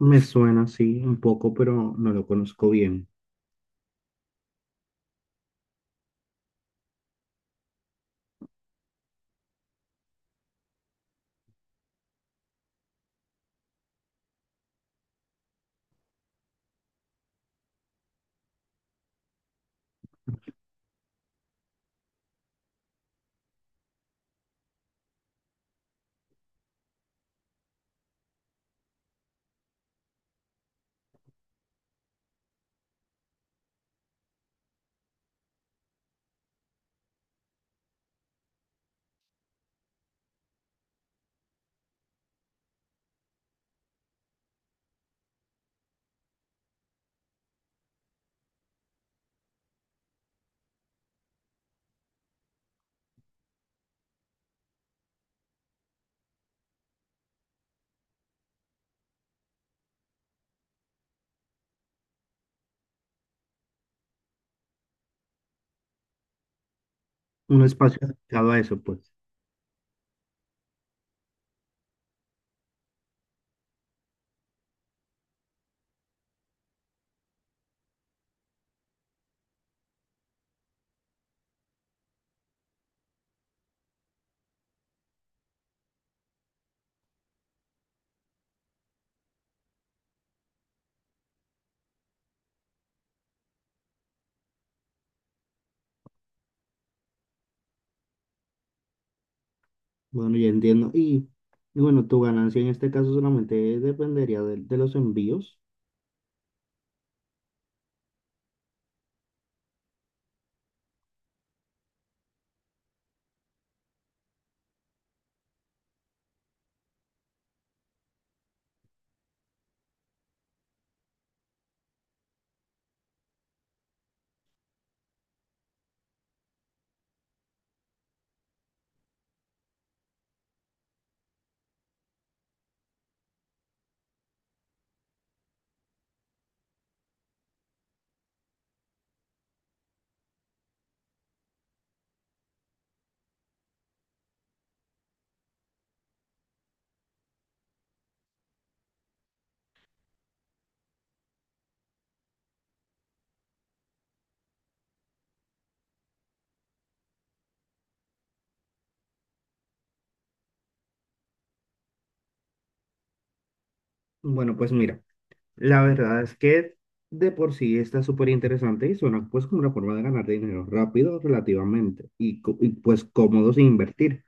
Me suena así un poco, pero no lo conozco bien. Un espacio dedicado a eso, pues. Bueno, ya entiendo. Y bueno, tu ganancia en este caso solamente dependería de los envíos. Bueno, pues mira, la verdad es que de por sí está súper interesante y suena pues como una forma de ganar dinero rápido relativamente y, pues cómodo sin invertir.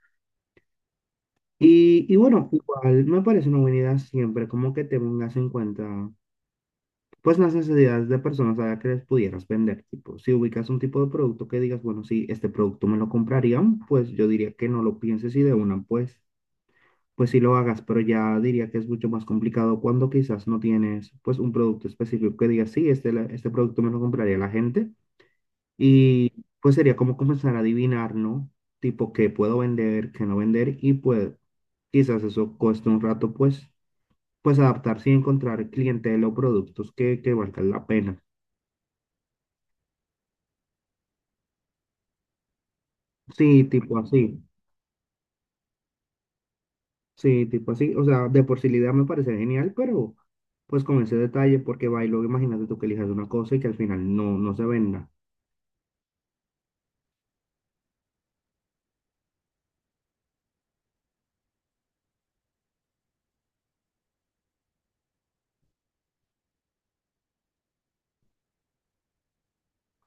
Y bueno, igual me parece una buena idea siempre como que te tengas en cuenta pues las necesidades de personas a las que les pudieras vender. Tipo, si ubicas un tipo de producto que digas, bueno, si este producto me lo comprarían, pues yo diría que no lo pienses y de una, pues, pues sí lo hagas, pero ya diría que es mucho más complicado cuando quizás no tienes, pues, un producto específico que digas, sí, este, este producto me lo compraría la gente. Y pues sería como comenzar a adivinar, ¿no? Tipo, qué puedo vender, qué no vender y pues quizás eso cueste un rato, pues, pues adaptarse y encontrar clientela o productos que valgan la pena. Sí, tipo así. Sí, tipo así. O sea, de por sí la idea me parece genial, pero pues con ese detalle, porque va y luego imagínate tú que elijas una cosa y que al final no, no se venda.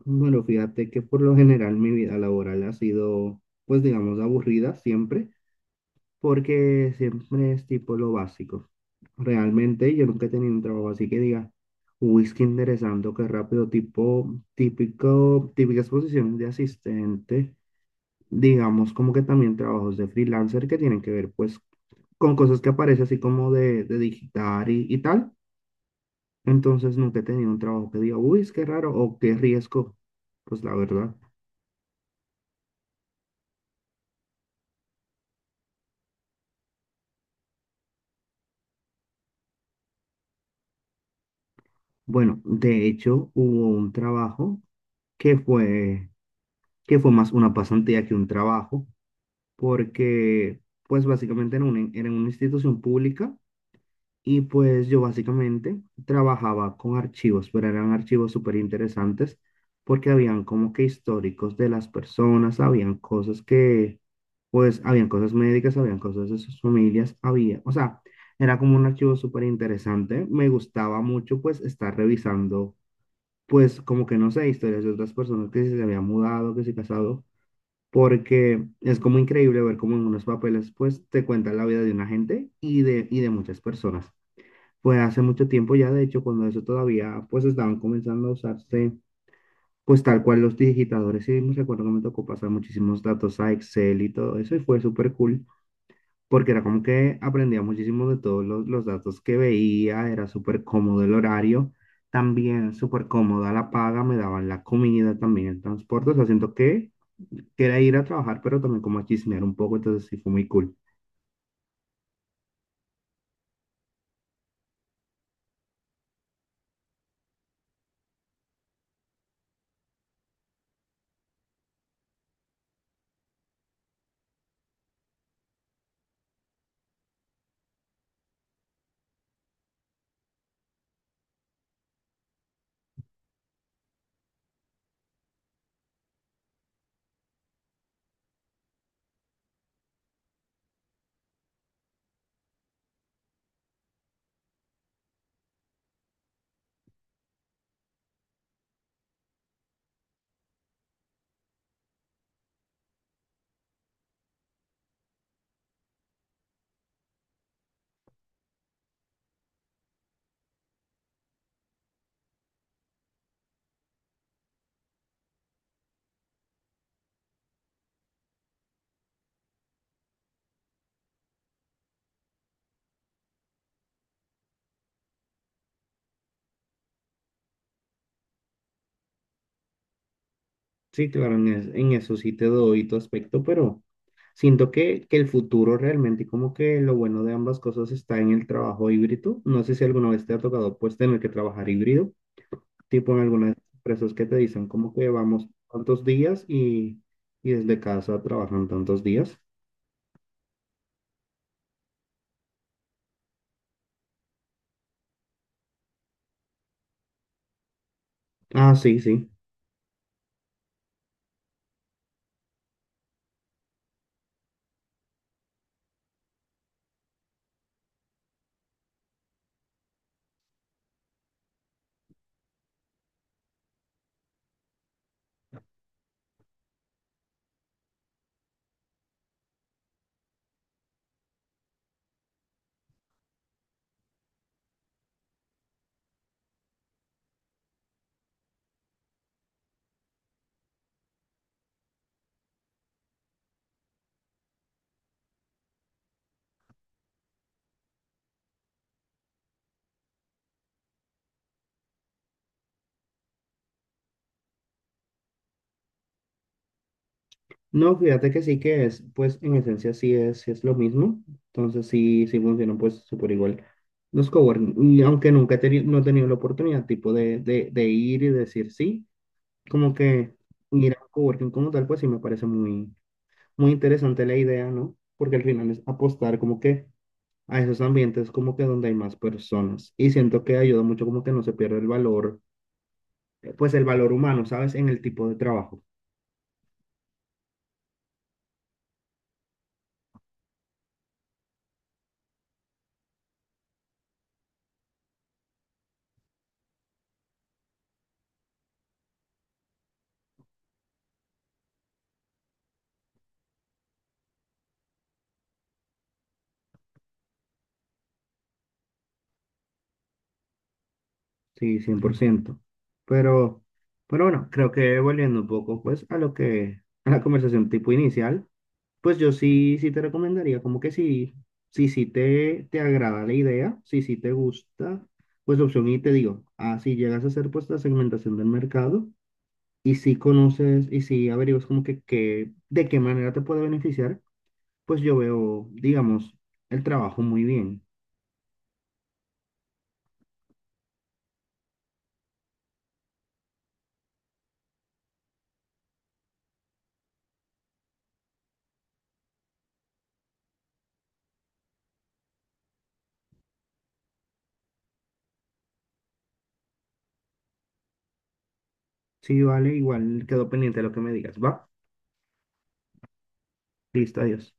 Bueno, fíjate que por lo general mi vida laboral ha sido, pues digamos, aburrida siempre, porque siempre es tipo lo básico. Realmente yo nunca he tenido un trabajo así que diga, uy, qué interesante, qué rápido, tipo, típico, típicas posiciones de asistente, digamos, como que también trabajos de freelancer que tienen que ver pues con cosas que aparece así como de digitar y tal. Entonces nunca he tenido un trabajo que diga, uy, es que raro o qué riesgo. Pues la verdad. Bueno, de hecho hubo un trabajo que fue, que fue más una pasantía que un trabajo, porque pues básicamente era una institución pública. Y pues yo básicamente trabajaba con archivos, pero eran archivos súper interesantes, porque habían como que históricos de las personas, habían cosas que, pues, habían cosas médicas, habían cosas de sus familias, había, o sea, era como un archivo súper interesante. Me gustaba mucho, pues, estar revisando, pues, como que no sé, historias de otras personas que si se habían mudado, que se casado, porque es como increíble ver cómo en unos papeles, pues, te cuentan la vida de una gente y y de muchas personas, pues hace mucho tiempo ya. De hecho, cuando eso todavía, pues estaban comenzando a usarse, pues tal cual los digitadores, y me recuerdo que me tocó pasar muchísimos datos a Excel y todo eso, y fue súper cool, porque era como que aprendía muchísimo de todos los datos que veía, era súper cómodo el horario, también súper cómoda la paga, me daban la comida, también el transporte, o sea, siento que era ir a trabajar, pero también como a chismear un poco, entonces sí fue muy cool. Sí, claro, en eso sí te doy tu aspecto, pero siento que el futuro realmente, como que lo bueno de ambas cosas está en el trabajo híbrido. No sé si alguna vez te ha tocado pues tener que trabajar híbrido, tipo en algunas empresas que te dicen como que vamos tantos días y desde casa trabajan tantos días. Ah, sí, sí. No, fíjate que sí que es, pues en esencia sí es lo mismo, entonces sí, sí funcionan pues súper igual los coworking, y aunque nunca he teni- no he tenido la oportunidad tipo de, ir y decir sí, como que ir a coworking como tal, pues sí me parece muy, muy interesante la idea, ¿no? Porque al final es apostar como que a esos ambientes como que donde hay más personas y siento que ayuda mucho como que no se pierde el valor, pues el valor humano, ¿sabes? En el tipo de trabajo. Sí, 100%. Pero, pero bueno, creo que volviendo un poco pues a lo que, a la conversación tipo inicial, pues yo sí, sí te recomendaría como que sí, sí, sí te agrada la idea, sí, sí te gusta, pues la opción y te digo, así llegas a hacer pues la segmentación del mercado y si conoces y si averiguas como que de qué manera te puede beneficiar, pues yo veo, digamos, el trabajo muy bien. Sí, vale, igual quedo pendiente de lo que me digas, ¿va? Listo, adiós.